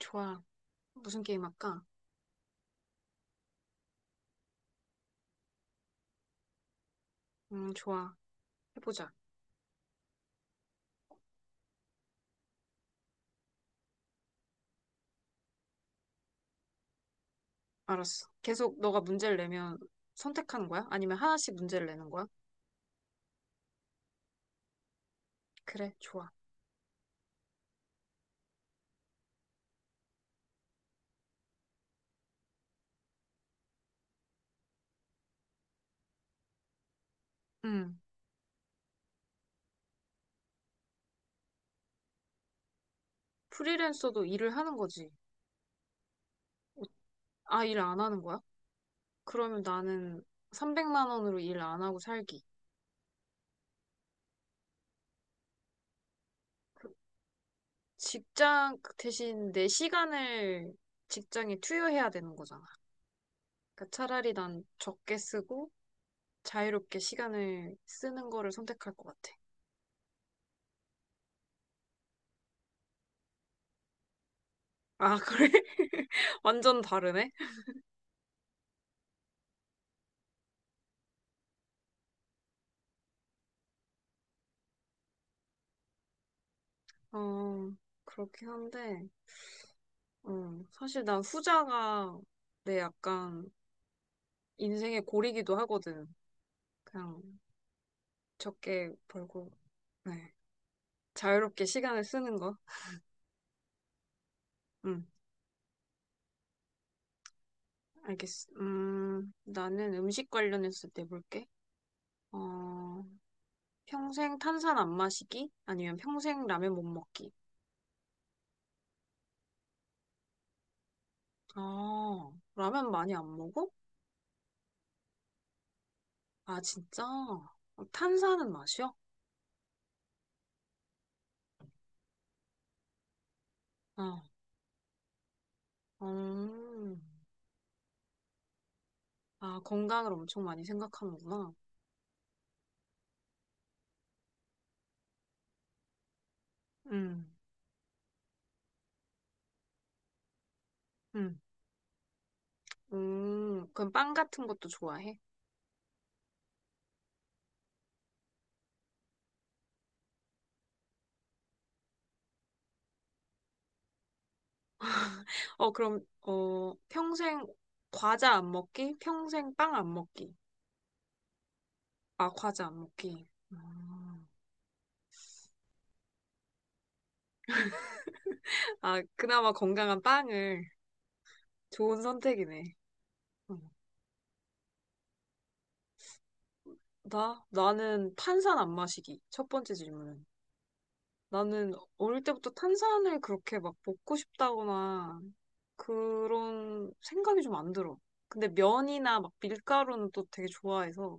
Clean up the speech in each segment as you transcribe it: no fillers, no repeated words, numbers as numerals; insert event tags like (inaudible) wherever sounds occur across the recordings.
좋아. 무슨 게임 할까? 좋아. 해보자. 알았어. 계속 너가 문제를 내면 선택하는 거야? 아니면 하나씩 문제를 내는 거야? 그래, 좋아. 음, 프리랜서도 일을 하는 거지. 아, 일 안 하는 거야? 그러면 나는 300만 원으로 일 안 하고 살기. 그 직장 그 대신 내 시간을 직장에 투여해야 되는 거잖아. 그러니까 차라리 난 적게 쓰고 자유롭게 시간을 쓰는 거를 선택할 것 같아. 아, 그래? (laughs) 완전 다르네? 어, 그렇긴 한데. 어, 사실 난 후자가 내 약간 인생의 고리기도 하거든. 그냥 적게 벌고, 네. 자유롭게 시간을 쓰는 거. 응, 알겠어. 나는 음식 관련해서 내볼게. 어, 평생 탄산 안 마시기? 아니면 평생 라면 못 먹기? 아, 라면 많이 안 먹어? 아, 진짜? 어, 탄산은 마셔? 어, 음. 아, 건강을 엄청 많이 생각하는구나. 음, 음. 그럼 빵 같은 것도 좋아해? 어, 그럼, 평생 과자 안 먹기? 평생 빵 안 먹기? 아, 과자 안 먹기. 음. 아, 그나마 건강한 빵을. 좋은 선택이네. 음. 나? 나는 탄산 안 마시기. 첫 번째 질문은. 나는 어릴 때부터 탄산을 그렇게 막 먹고 싶다거나 그런 생각이 좀 안 들어. 근데 면이나 막 밀가루는 또 되게 좋아해서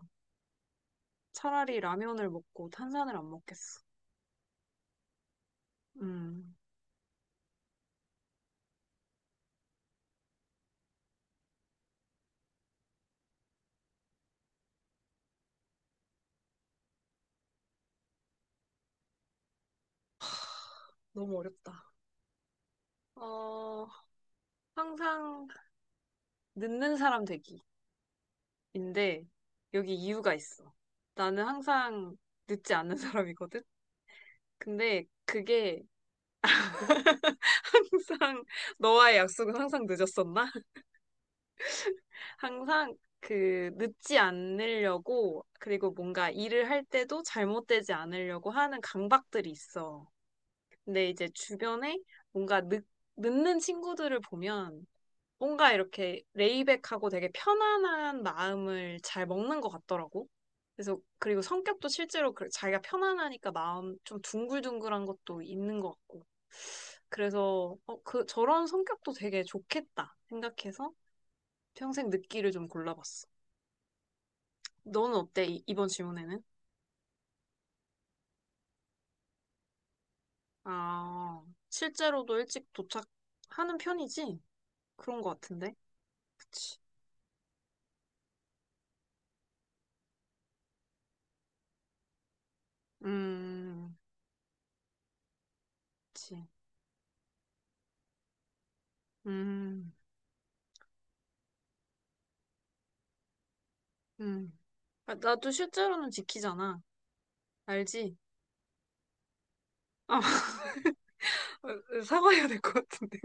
차라리 라면을 먹고 탄산을 안 먹겠어. 음, 너무 어렵다. 어, 항상 늦는 사람 되기인데 여기 이유가 있어. 나는 항상 늦지 않는 (laughs) 사람이거든? 근데 그게 (laughs) 항상 너와의 약속은 항상 늦었었나? 항상 그 늦지 않으려고 그리고 뭔가 일을 할 때도 잘못되지 않으려고 하는 강박들이 있어. 근데 이제 주변에 뭔가 늦는 친구들을 보면 뭔가 이렇게 레이백하고 되게 편안한 마음을 잘 먹는 것 같더라고. 그래서 그리고 성격도 실제로 자기가 편안하니까 마음 좀 둥글둥글한 것도 있는 것 같고. 그래서 그 저런 성격도 되게 좋겠다 생각해서 평생 늦기를 좀 골라봤어. 너는 어때? 이번 질문에는? 아, 실제로도 일찍 도착하는 편이지? 그런 것 같은데? 그치. 음, 그치. 음, 음. 아, 나도 실제로는 지키잖아. 알지? 아, (laughs) 사과해야 될 것 같은데.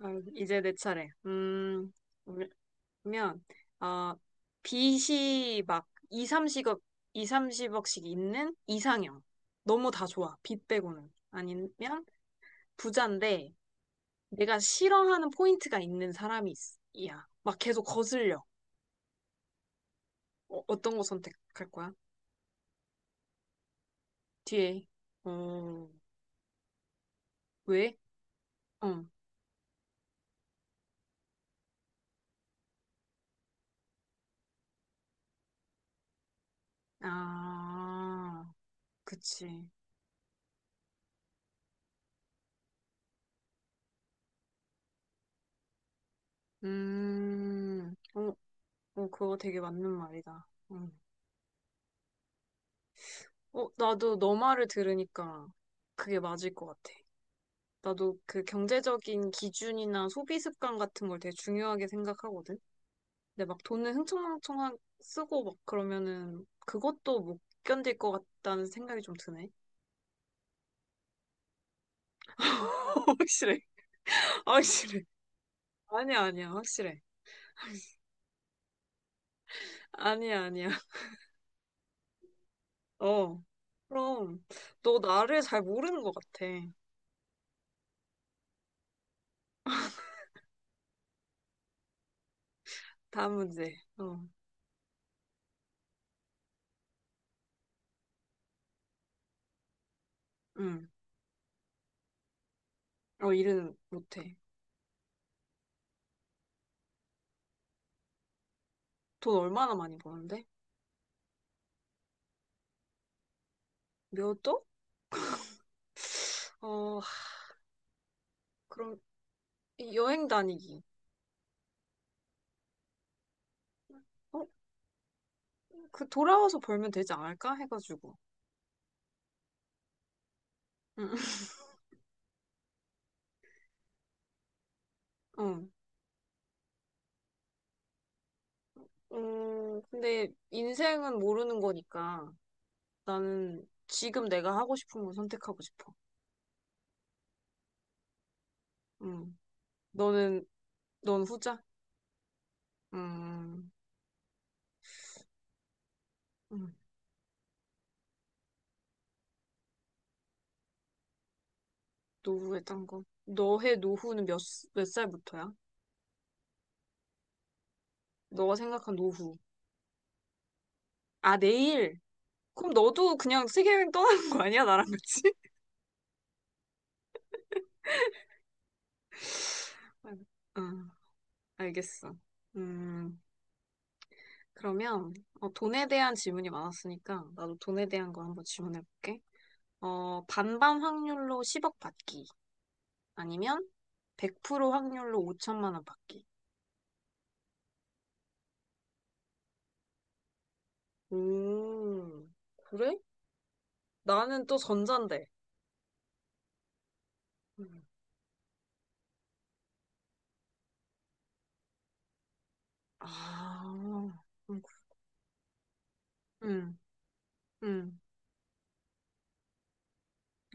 아, 이제 내 차례. 그러면, 아, 빚이 막 2, 30억, 2, 30억씩 있는 이상형. 너무 다 좋아. 빚 빼고는. 아니면 부자인데, 내가 싫어하는 포인트가 있는 사람이 이야. 막 계속 거슬려. 어, 떤거 선택할 거야? 뒤에. 어, 왜? 어. 아, 그치. 어, 어, 그거 되게 맞는 말이다. 음. 어, 나도 너 말을 들으니까 그게 맞을 것 같아. 나도 그 경제적인 기준이나 소비 습관 같은 걸 되게 중요하게 생각하거든. 근데 막 돈을 흥청망청 쓰고 막 그러면은 그것도 못 견딜 것 같다는 생각이 좀 드네. (laughs) 확실해. 확실해. 아니야, 아니야. 확실해. 아니야, 아니야. (laughs) 어. 그럼 너 나를 잘 모르는 것 같아. 다음 문제. 어. 응. 어, 일은 못해. 돈 얼마나 많이 버는데? 몇 억? 어, 그럼 이 여행 다니기. 어? 그 돌아와서 벌면 되지 않을까? 해가지고. 응. (laughs) 어. 근데 인생은 모르는 거니까 나는 지금 내가 하고 싶은 걸 선택하고 싶어. 음, 너는, 넌 후자? 음, 음, 노후에 딴 거. 너의 노후는 몇 살부터야? 너가 생각한 노후. 아, 내일? 그럼 너도 그냥 세계여행 떠나는 거 아니야? 나랑 같이? (laughs) 응, 알겠어. 음, 그러면 돈에 대한 질문이 많았으니까 나도 돈에 대한 거 한번 질문해볼게. 어, 반반 확률로 10억 받기. 아니면 100% 확률로 5천만 원 받기. 음, 그래? 나는 또 전자인데. 음. 아, 음, 음, 음.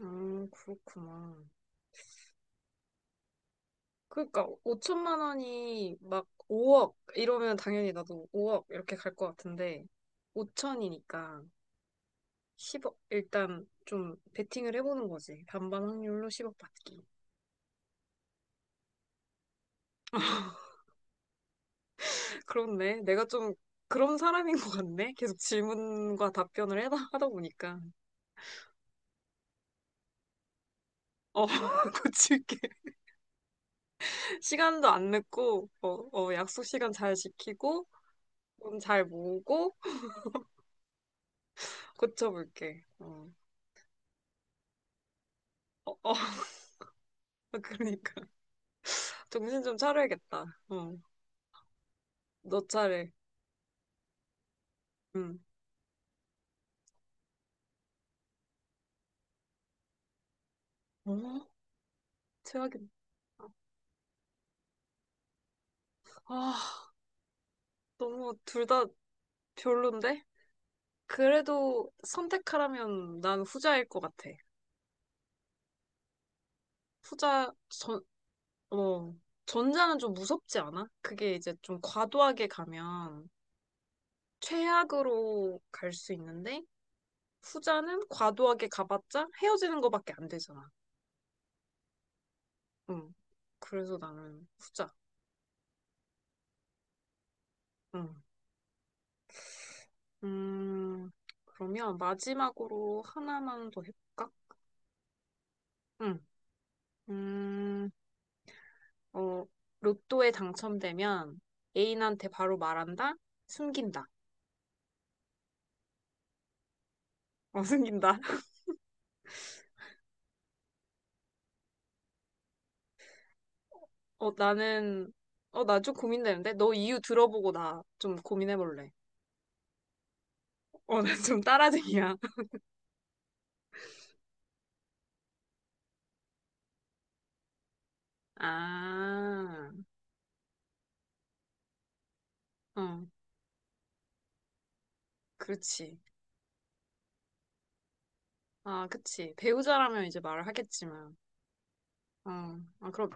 그렇구나. 그러니까 5천만 원이 막 5억 이러면 당연히 나도 5억 이렇게 갈 것 같은데 5천이니까 10억 일단 좀 베팅을 해보는 거지. 반반 확률로 10억 받기. 그렇네. 내가 좀 그런 사람인 것 같네. 계속 질문과 답변을 하다 보니까. 어, (laughs) 고칠게. 시간도 안 늦고, 약속 시간 잘 지키고, 돈 잘 모으고, 고쳐볼게. 어, 어, 어, (laughs) 그러니까. 정신 좀 차려야겠다. 어, 너 차례. 응. 어? 최악이다. 아, 너무 둘 다 별론데? 그래도 선택하라면 난 후자일 것 같아. 후자, 어, 전자는 좀 무섭지 않아? 그게 이제 좀 과도하게 가면 최악으로 갈 수 있는데 후자는 과도하게 가봤자 헤어지는 거밖에 안 되잖아. 응. 그래서 나는 후자. 응. 음, 그러면 마지막으로 하나만 더 해볼까? 응. 음, 어, 로또에 당첨되면 애인한테 바로 말한다? 숨긴다. 어, (laughs) 숨긴다. 어, 나는, 어, 나 좀 고민되는데? 너 이유 들어보고 나 좀 고민해볼래. 어, 나 좀 따라쟁이야. (laughs) 아, 어, 그렇지. 아, 그치. 배우자라면 이제 말을 하겠지만. 어, 아, 그럼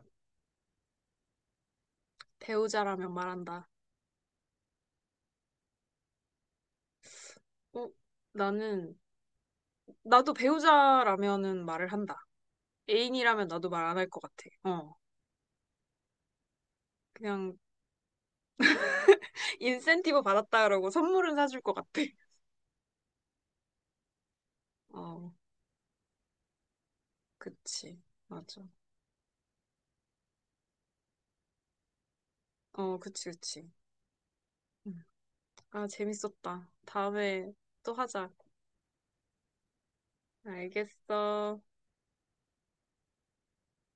배우자라면 말한다. 어, 나는, 나도 배우자라면은 말을 한다. 애인이라면 나도 말 안 할 것 같아. 어, 그냥 (laughs) 인센티브 받았다 그러고 선물은 사줄 것 같아. (laughs) 어, 그치. 맞아. 어, 그치, 그치. 아, 재밌었다. 다음에 또 하자. 알겠어.